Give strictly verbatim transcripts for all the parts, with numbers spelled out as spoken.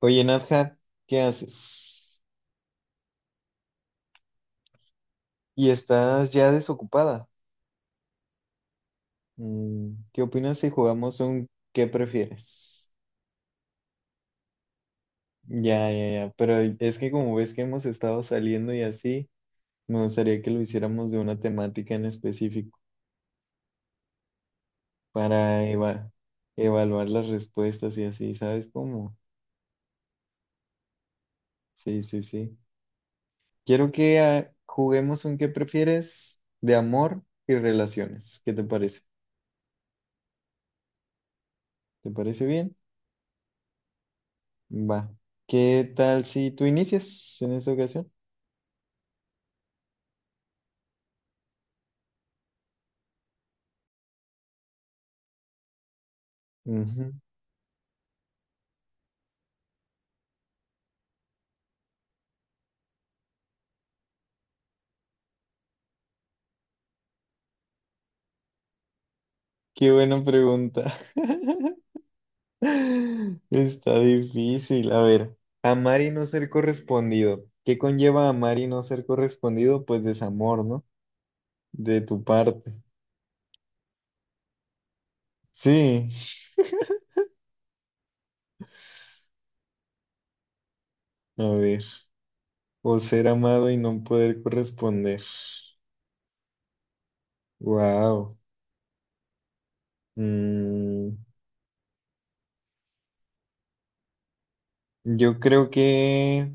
Oye, Nadja, ¿qué haces? ¿Y estás ya desocupada? Mm, ¿Qué opinas si jugamos un qué prefieres? Ya, ya, ya, pero es que como ves que hemos estado saliendo y así, me gustaría que lo hiciéramos de una temática en específico para eva- evaluar las respuestas y así, ¿sabes cómo? Sí, sí, sí. Quiero que ah, juguemos un qué prefieres de amor y relaciones. ¿Qué te parece? ¿Te parece bien? Va. ¿Qué tal si tú inicias en esta ocasión? Ujú. Qué buena pregunta. Está difícil. A ver, amar y no ser correspondido. ¿Qué conlleva amar y no ser correspondido? Pues desamor, ¿no? De tu parte. Sí. A ver. O ser amado y no poder corresponder. Wow. yo creo que...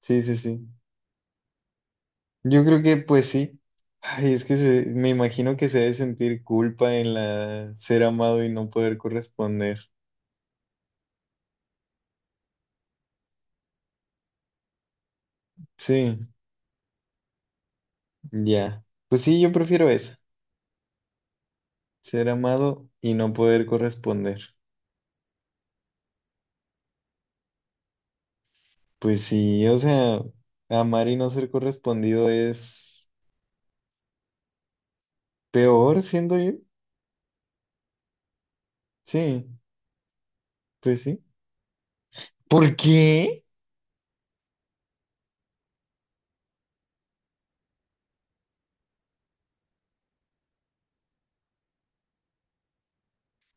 Sí, sí, sí. Yo creo que pues sí. Ay, es que se- me imagino que se debe sentir culpa en la ser amado y no poder corresponder. Sí, ya. Pues sí, yo prefiero esa, ser amado y no poder corresponder. Pues sí, o sea, amar y no ser correspondido es peor, siendo yo. Sí, pues sí. ¿Por qué?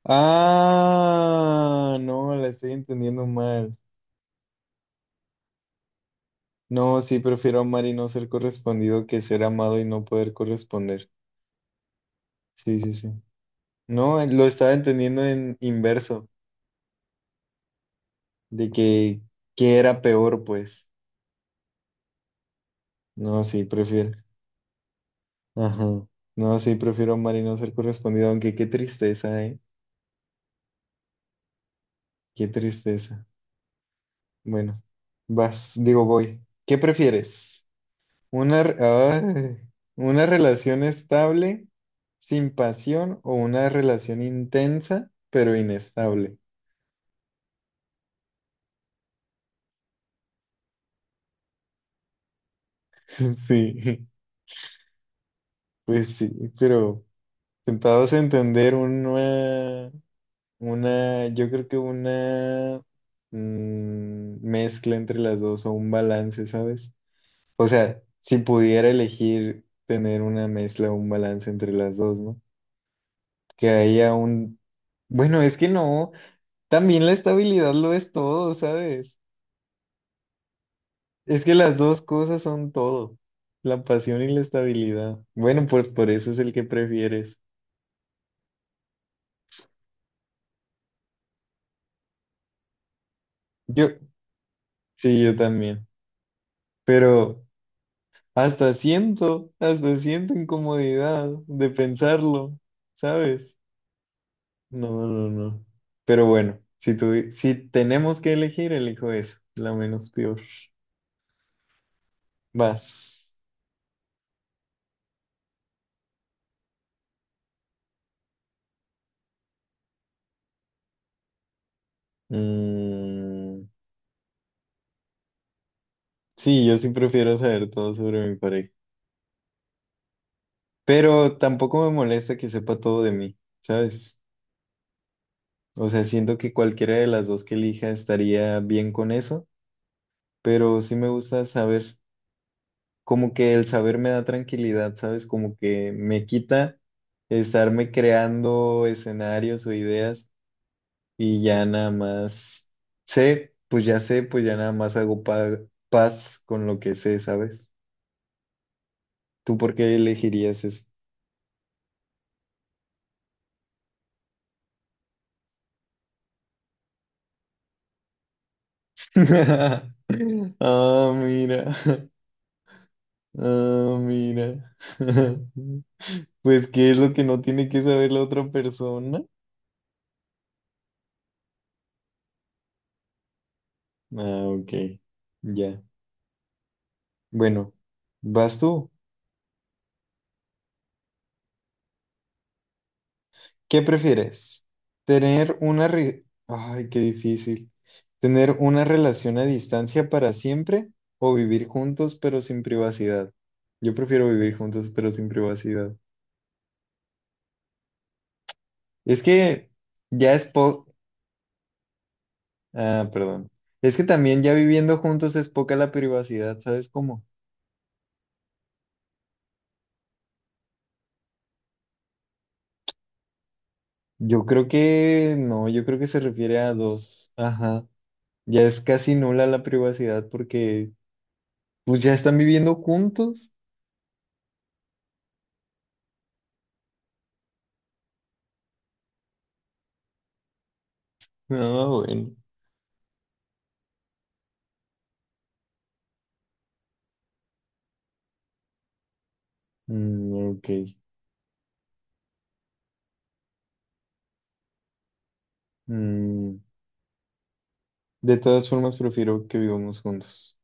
Ah, no, la estoy entendiendo mal. No, sí, prefiero amar y no ser correspondido que ser amado y no poder corresponder. Sí, sí, sí. No, eh, lo estaba entendiendo en inverso, de que, que era peor, pues. No, sí, prefiero. Ajá. No, sí, prefiero amar y no ser correspondido, aunque qué tristeza, ¿eh? Qué tristeza. Bueno, vas, digo, voy. ¿Qué prefieres? ¿Una, re- ay, una relación estable sin pasión o una relación intensa pero inestable? Sí, pues sí, pero tentados a entender una... Una, yo creo que una mm, mezcla entre las dos o un balance, ¿sabes? O sea, si pudiera elegir tener una mezcla o un balance entre las dos, ¿no? Que haya un... Bueno, es que no, también la estabilidad lo es todo, ¿sabes? Es que las dos cosas son todo, la pasión y la estabilidad. Bueno, pues por eso es el que prefieres. Yo, sí, yo también. Pero... Hasta siento, hasta siento incomodidad de pensarlo, ¿sabes? No, no, no. Pero bueno, si tuvi- si tenemos que elegir, elijo eso, la menos peor. Vas. Mm, sí, yo sí prefiero saber todo sobre mi pareja. Pero tampoco me molesta que sepa todo de mí, ¿sabes? O sea, siento que cualquiera de las dos que elija estaría bien con eso, pero sí me gusta saber. como que el saber me da tranquilidad, ¿sabes? Como que me quita estarme creando escenarios o ideas y ya nada más sé, pues ya sé, pues ya nada más hago pa- paz con lo que sé, ¿sabes? ¿Tú por qué elegirías eso? Ah, mira. Ah, mira. Pues, ¿qué es lo que no tiene que saber la otra persona? Ah, ok. Ya. Bueno, ¿vas tú? ¿Qué prefieres? ¿Tener una re- Ay, qué difícil. ¿Tener una relación a distancia para siempre o vivir juntos pero sin privacidad? Yo prefiero vivir juntos pero sin privacidad. Es que ya es po... Ah, perdón. Es que también ya viviendo juntos es poca la privacidad, ¿sabes cómo? Yo creo que no, yo creo que se refiere a dos. Ajá. Ya es casi nula la privacidad porque pues ya están viviendo juntos. No, bueno. Mm, ok. Mm, de todas formas, prefiero que vivamos juntos.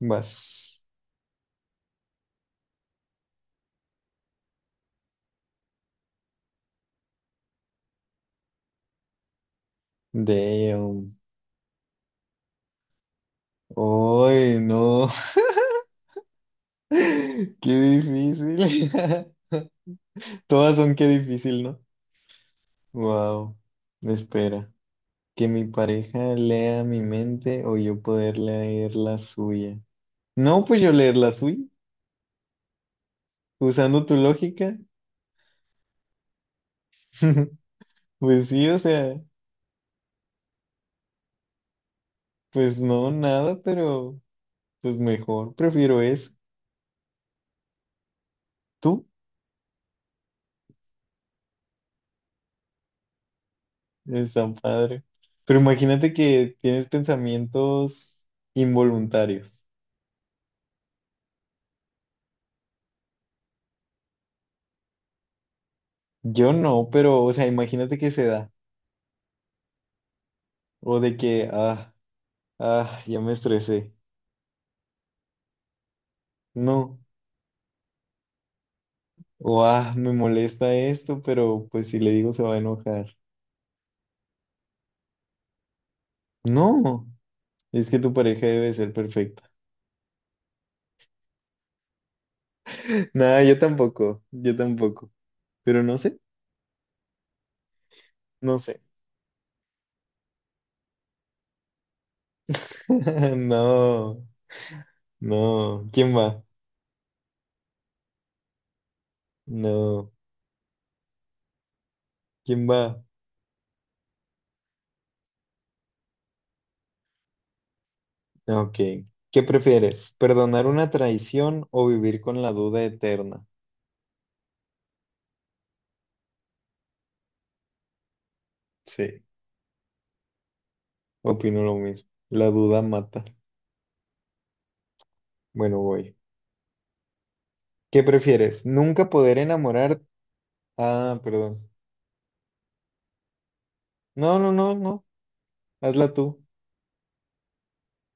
Vas. Damn. Ay, no. Qué difícil. Todas son qué difícil, ¿no? Wow. Espera. Que mi pareja lea mi mente o yo poder leer la suya. No, pues yo leer la suya. Usando tu lógica. Pues sí, o sea, pues no, nada, pero pues mejor. Prefiero eso. ¿Tú? Es tan padre. Pero imagínate que tienes pensamientos involuntarios. Yo no, pero, o sea, imagínate que se da. O de que, ah, ah, ya me estresé. No. O, ah, me molesta esto, pero pues si le digo se va a enojar. No. Es que tu pareja debe ser perfecta. Nada, yo tampoco. Yo tampoco. Pero no sé. No sé. No. No. ¿Quién va? No. ¿Quién va? Ok. ¿Qué prefieres? ¿Perdonar una traición o vivir con la duda eterna? Sí, opino lo mismo. La duda mata. Bueno, voy. ¿Qué prefieres? ¿Nunca poder enamorar... Ah, perdón. No, no, no, no. Hazla tú.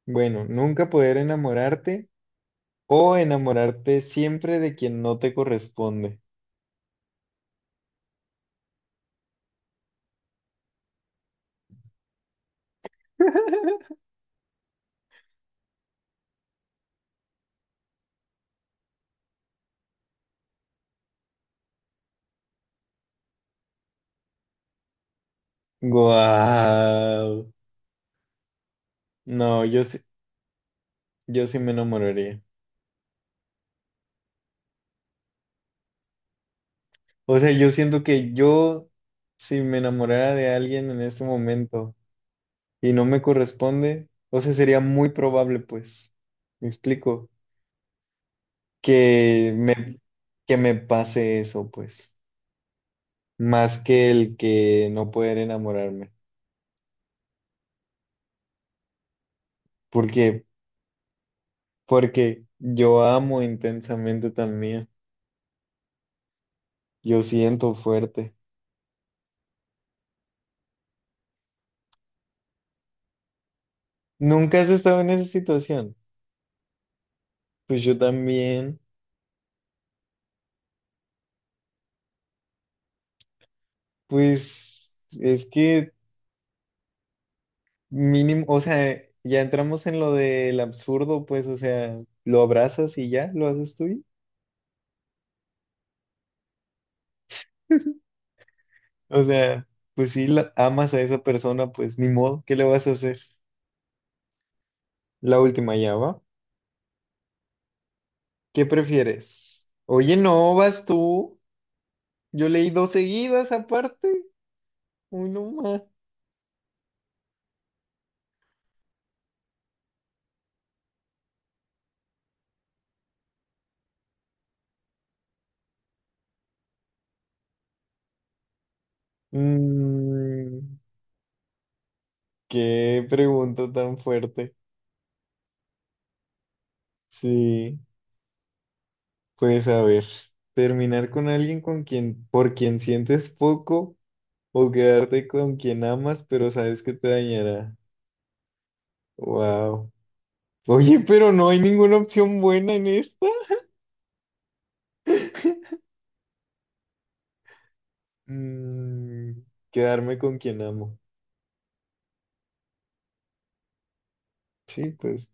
Bueno, ¿nunca poder enamorarte o enamorarte siempre de quien no te corresponde? Guau. No, yo sí, yo sí me enamoraría. O sea, yo siento que yo, si me enamorara de alguien en este momento, y no me corresponde, o sea, sería muy probable, pues, me explico, que me, que me pase eso, pues, más que el que no poder enamorarme. porque Porque yo amo intensamente también, yo siento fuerte. ¿Nunca has estado en esa situación? Pues yo también, pues, es que mínimo, o sea, ya entramos en lo del absurdo, pues, o sea, lo abrazas y ya, lo haces tuyo. O sea, pues si la- amas a esa persona, pues ni modo, ¿qué le vas a hacer? La última ya va. ¿Qué prefieres? Oye, no, vas tú. Yo leí dos seguidas aparte. Uy, no más. Mm, qué pregunta tan fuerte. Sí, pues a ver, terminar con alguien con quien, por quien sientes poco o quedarte con quien amas, pero sabes que te dañará. Wow. Oye, pero no hay ninguna opción buena en esta. Mm, quedarme con quien amo. Sí, pues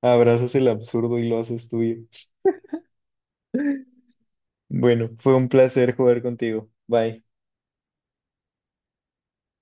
abrazas el absurdo y lo haces tuyo. Bueno, fue un placer jugar contigo. Bye.